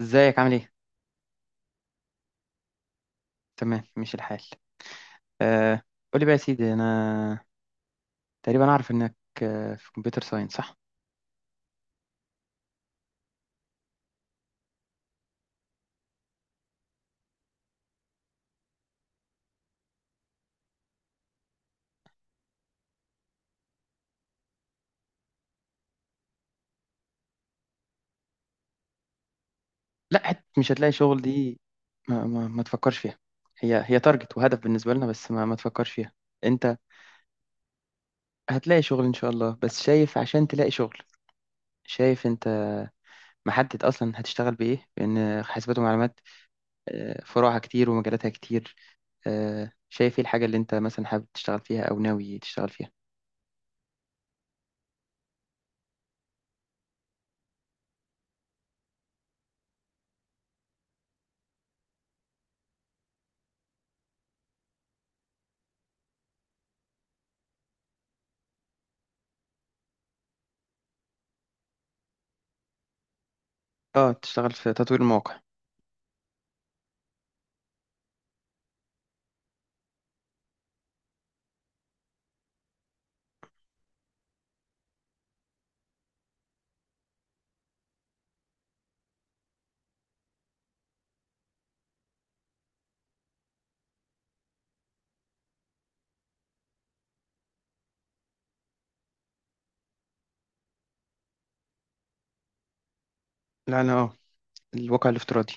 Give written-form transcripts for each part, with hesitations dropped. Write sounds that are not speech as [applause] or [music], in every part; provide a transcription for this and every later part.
ازيك عامل ايه؟ تمام ماشي الحال. آه. قولي بقى يا سيدي، انا تقريبا اعرف انك في كمبيوتر ساينس صح؟ لا حت مش هتلاقي شغل دي. ما تفكرش فيها. هي تارجت وهدف بالنسبة لنا، بس ما تفكرش فيها. انت هتلاقي شغل ان شاء الله، بس شايف عشان تلاقي شغل، شايف انت محدد اصلا هتشتغل بايه؟ لان حاسبات ومعلومات فروعها كتير ومجالاتها كتير. شايف ايه الحاجة اللي انت مثلا حابب تشتغل فيها او ناوي تشتغل فيها؟ اه تشتغل في تطوير المواقع. لا انا اه، الواقع الافتراضي.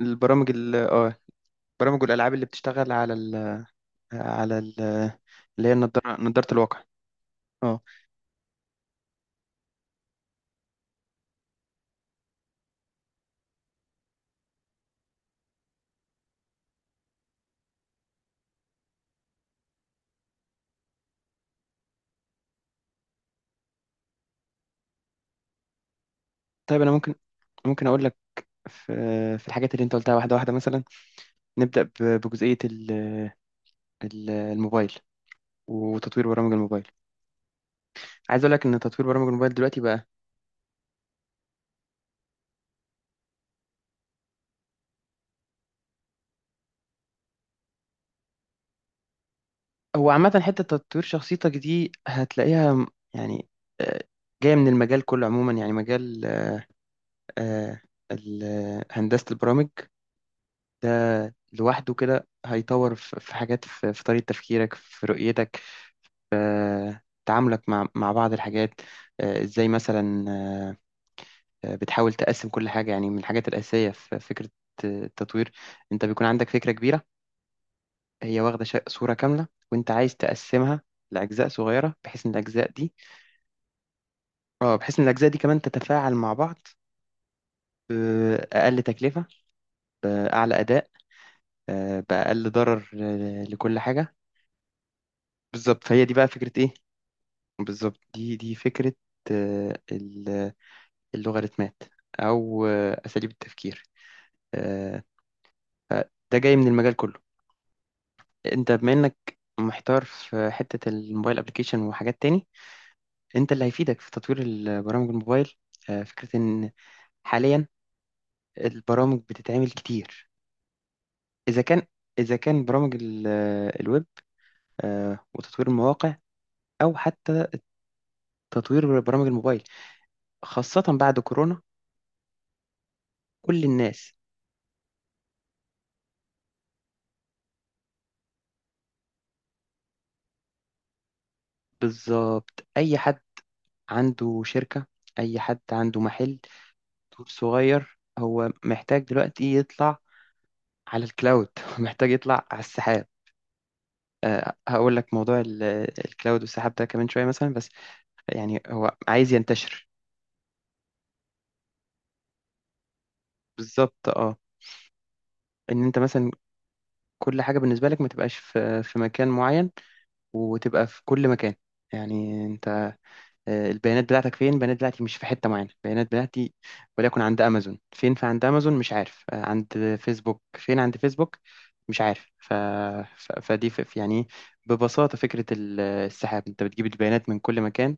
البرامج ال اه، برامج والألعاب اللي بتشتغل على ال، على ال، اللي هي النضارة، نضارة الواقع. اه طيب أنا ممكن، أقول لك في الحاجات اللي أنت قلتها واحدة واحدة. مثلا نبدأ بجزئية الموبايل وتطوير برامج الموبايل. عايز أقول لك إن تطوير برامج الموبايل دلوقتي بقى، هو عامة حتة تطوير شخصيتك دي هتلاقيها يعني آه، جاية من المجال كله عموما. يعني مجال آه، هندسة البرامج ده لوحده كده هيطور في حاجات، في طريقة تفكيرك، في رؤيتك، في تعاملك مع بعض الحاجات. ازاي مثلا؟ بتحاول تقسم كل حاجة. يعني من الحاجات الأساسية في فكرة التطوير، انت بيكون عندك فكرة كبيرة، هي واخدة صورة كاملة، وانت عايز تقسمها لأجزاء صغيرة بحيث ان الأجزاء دي، اه بحيث ان الأجزاء دي كمان تتفاعل مع بعض بأقل تكلفة، أعلى أداء، بأقل ضرر لكل حاجة. بالظبط، فهي دي بقى فكرة ايه. بالظبط، دي فكرة آه، ال- اللوغاريتمات أو أساليب التفكير. آه، ده جاي من المجال كله. أنت بما إنك محتار في حتة الموبايل أبليكيشن وحاجات تاني، أنت اللي هيفيدك في تطوير البرامج الموبايل فكرة إن حاليا البرامج بتتعمل كتير، إذا كان إذا كان برامج الويب وتطوير المواقع، أو حتى تطوير برامج الموبايل، خاصة بعد كورونا. كل الناس، بالظبط أي حد عنده شركة، أي حد عنده محل، دور صغير، هو محتاج دلوقتي يطلع على الكلاود [laughs] محتاج يطلع على السحاب. أه هقول لك موضوع الكلاود والسحاب ده كمان شوية، مثلا بس يعني هو عايز ينتشر. بالظبط اه، إن أنت مثلا كل حاجة بالنسبة لك ما تبقاش في مكان معين، وتبقى في كل مكان. يعني أنت البيانات بتاعتك فين؟ البيانات بتاعتي مش في حتة معينة، البيانات بتاعتي وليكن عند أمازون، فين فعند أمازون مش عارف، عند فيسبوك، فين عند فيسبوك مش عارف. ف... ف... فدي يعني ببساطة فكرة السحاب، أنت بتجيب البيانات من كل مكان،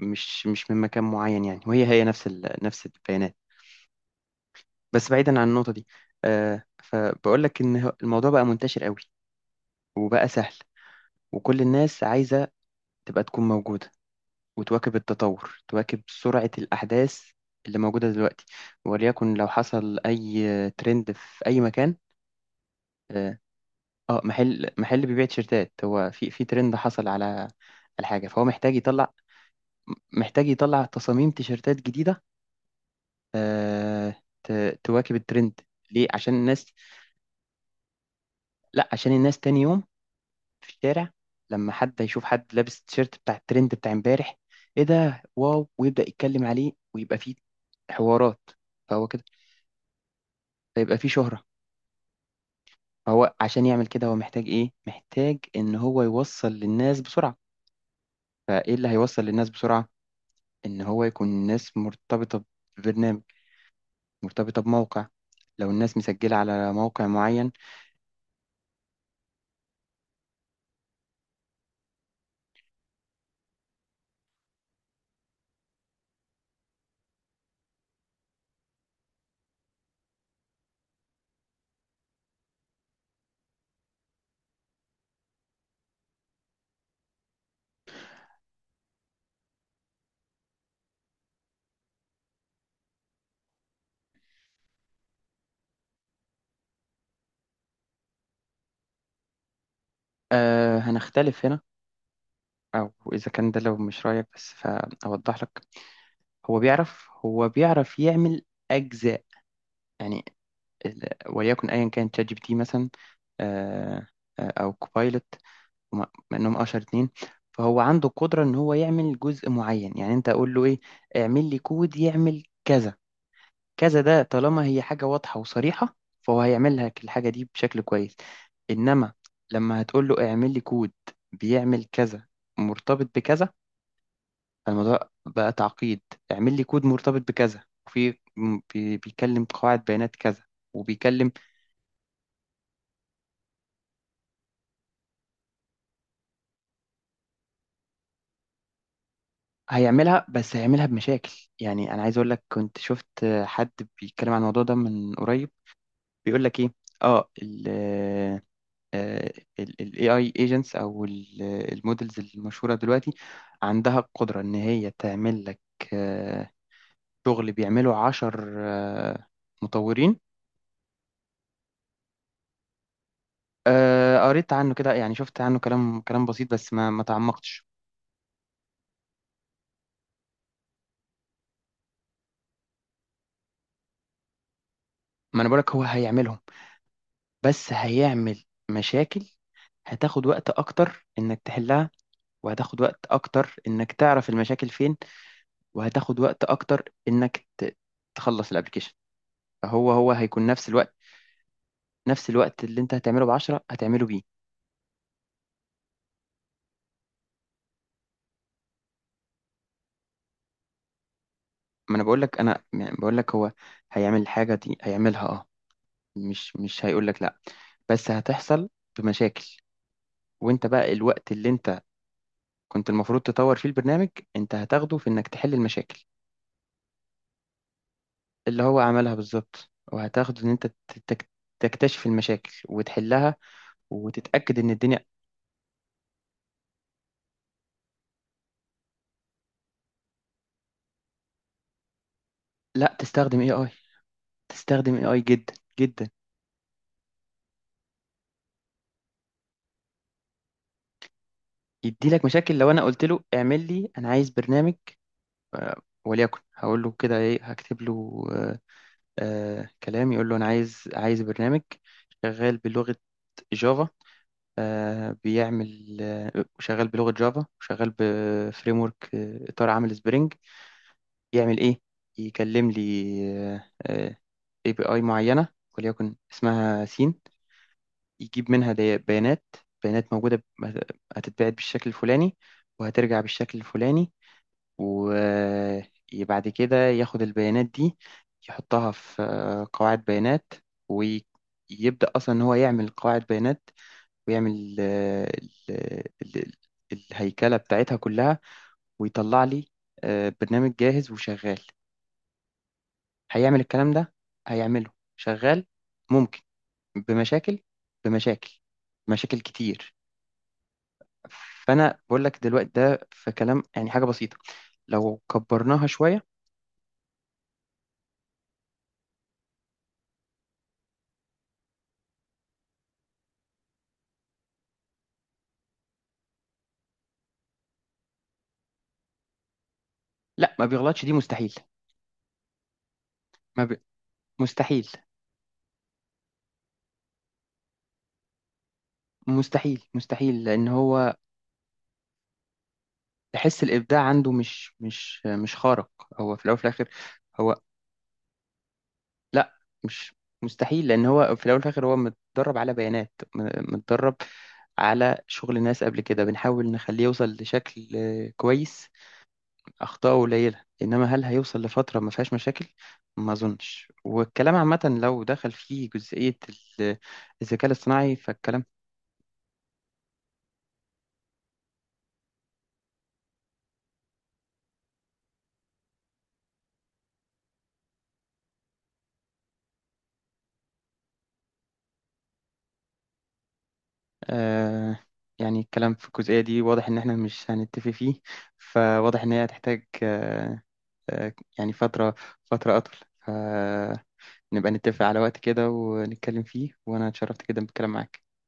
مش من مكان معين يعني. وهي نفس نفس البيانات. بس بعيدا عن النقطة دي، فبقول لك إن الموضوع بقى منتشر قوي وبقى سهل، وكل الناس عايزة تبقى تكون موجودة وتواكب التطور، تواكب سرعة الأحداث اللي موجودة دلوقتي. وليكن لو حصل أي ترند في أي مكان. اه محل بيبيع تيشيرتات، هو في ترند حصل على على حاجة، فهو محتاج يطلع، محتاج يطلع تصاميم تيشيرتات جديدة. آه تواكب الترند. ليه؟ عشان الناس، لا عشان الناس تاني يوم في الشارع لما حد يشوف حد لابس تيشيرت بتاع الترند بتاع امبارح، ايه ده واو، ويبدأ يتكلم عليه ويبقى فيه حوارات. فهو كده فيبقى فيه شهرة. فهو عشان يعمل كده هو محتاج إيه؟ محتاج إن هو يوصل للناس بسرعة. فإيه اللي هيوصل للناس بسرعة؟ إن هو يكون الناس مرتبطة ببرنامج، مرتبطة بموقع، لو الناس مسجلة على موقع معين. آه هنختلف هنا. أو إذا كان ده لو مش رأيك، بس فأوضح لك، هو بيعرف يعمل أجزاء. يعني وليكن أيا كان شات جي بي تي مثلا، آه أو كوبايلوت وم- مع انهم اشهر اتنين. فهو عنده القدرة ان هو يعمل جزء معين. يعني انت اقول له ايه، اعمل لي كود يعمل كذا كذا، ده طالما هي حاجة واضحة وصريحة، فهو هيعمل لك الحاجة دي بشكل كويس. انما لما هتقول له اعمل لي كود بيعمل كذا مرتبط بكذا، فالموضوع بقى تعقيد. اعمل لي كود مرتبط بكذا وفي بيكلم قواعد بيانات كذا وبيكلم، هيعملها بس هيعملها بمشاكل. يعني انا عايز اقول لك، كنت شفت حد بيتكلم عن الموضوع ده من قريب، بيقول لك ايه، اه ال آه، ال AI agents او المودلز المشهورة دلوقتي، عندها القدرة ان هي تعمل لك آه، شغل بيعمله عشر مطورين. قريت عنه كده، يعني شفت عنه كلام، كلام بسيط بس ما تعمقتش. ما انا بقولك هو هيعملهم، بس هيعمل مشاكل. هتاخد وقت اكتر انك تحلها، وهتاخد وقت اكتر انك تعرف المشاكل فين، وهتاخد وقت اكتر انك تخلص الابلكيشن. هو هيكون نفس الوقت، نفس الوقت اللي انت هتعمله بعشرة هتعمله بيه. ما انا بقول لك، انا يعني بقول لك هو هيعمل الحاجة دي، هيعملها اه، مش هيقول لك لا، بس هتحصل بمشاكل. وانت بقى الوقت اللي انت كنت المفروض تطور فيه البرنامج، انت هتاخده في انك تحل المشاكل اللي هو عملها بالظبط، وهتاخده ان انت تك- تكتشف المشاكل وتحلها وتتأكد ان الدنيا. لا تستخدم اي اي، تستخدم اي اي جدا جدا. يدي لك مشاكل لو انا قلت له اعمل لي، انا عايز برنامج، وليكن هقول له كده ايه، هكتب له كلام يقول له انا عايز، عايز برنامج شغال بلغة جافا، آه بيعمل آه شغال بلغة جافا وشغال بفريم ورك، آه اطار عامل سبرينج، يعمل ايه، يكلم لي آه اي بي اي معينة وليكن اسمها سين، يجيب منها بيانات، موجودة هتتبعت بالشكل الفلاني وهترجع بالشكل الفلاني، وبعد كده ياخد البيانات دي يحطها في قواعد بيانات، ويبدأ أصلا إن هو يعمل قواعد بيانات ويعمل ال- الهيكلة بتاعتها كلها، ويطلع لي برنامج جاهز وشغال. هيعمل الكلام ده، هيعمله شغال، ممكن بمشاكل، بمشاكل، مشاكل كتير. فأنا بقول لك دلوقتي ده في كلام، يعني حاجة بسيطة، لو كبرناها شوية. لا ما بيغلطش دي مستحيل. ما ب... مستحيل، مستحيل، مستحيل لان هو، تحس الابداع عنده مش مش خارق. هو في الاول وفي الاخر هو، لا مش مستحيل لان هو في الاول وفي الاخر هو متدرب على بيانات، متدرب على شغل ناس قبل كده، بنحاول نخليه يوصل لشكل كويس، اخطاءه قليله. انما هل هيوصل لفتره ما فيهاش مشاكل؟ ما اظنش. والكلام عامه لو دخل فيه جزئيه الذكاء الاصطناعي فالكلام. آه يعني الكلام في الجزئية دي واضح إن إحنا مش هنتفق فيه. فواضح إن هي هتحتاج يعني فترة، فترة أطول، فنبقى نتفق على وقت كده ونتكلم فيه. وأنا اتشرفت جدا بالكلام معاك.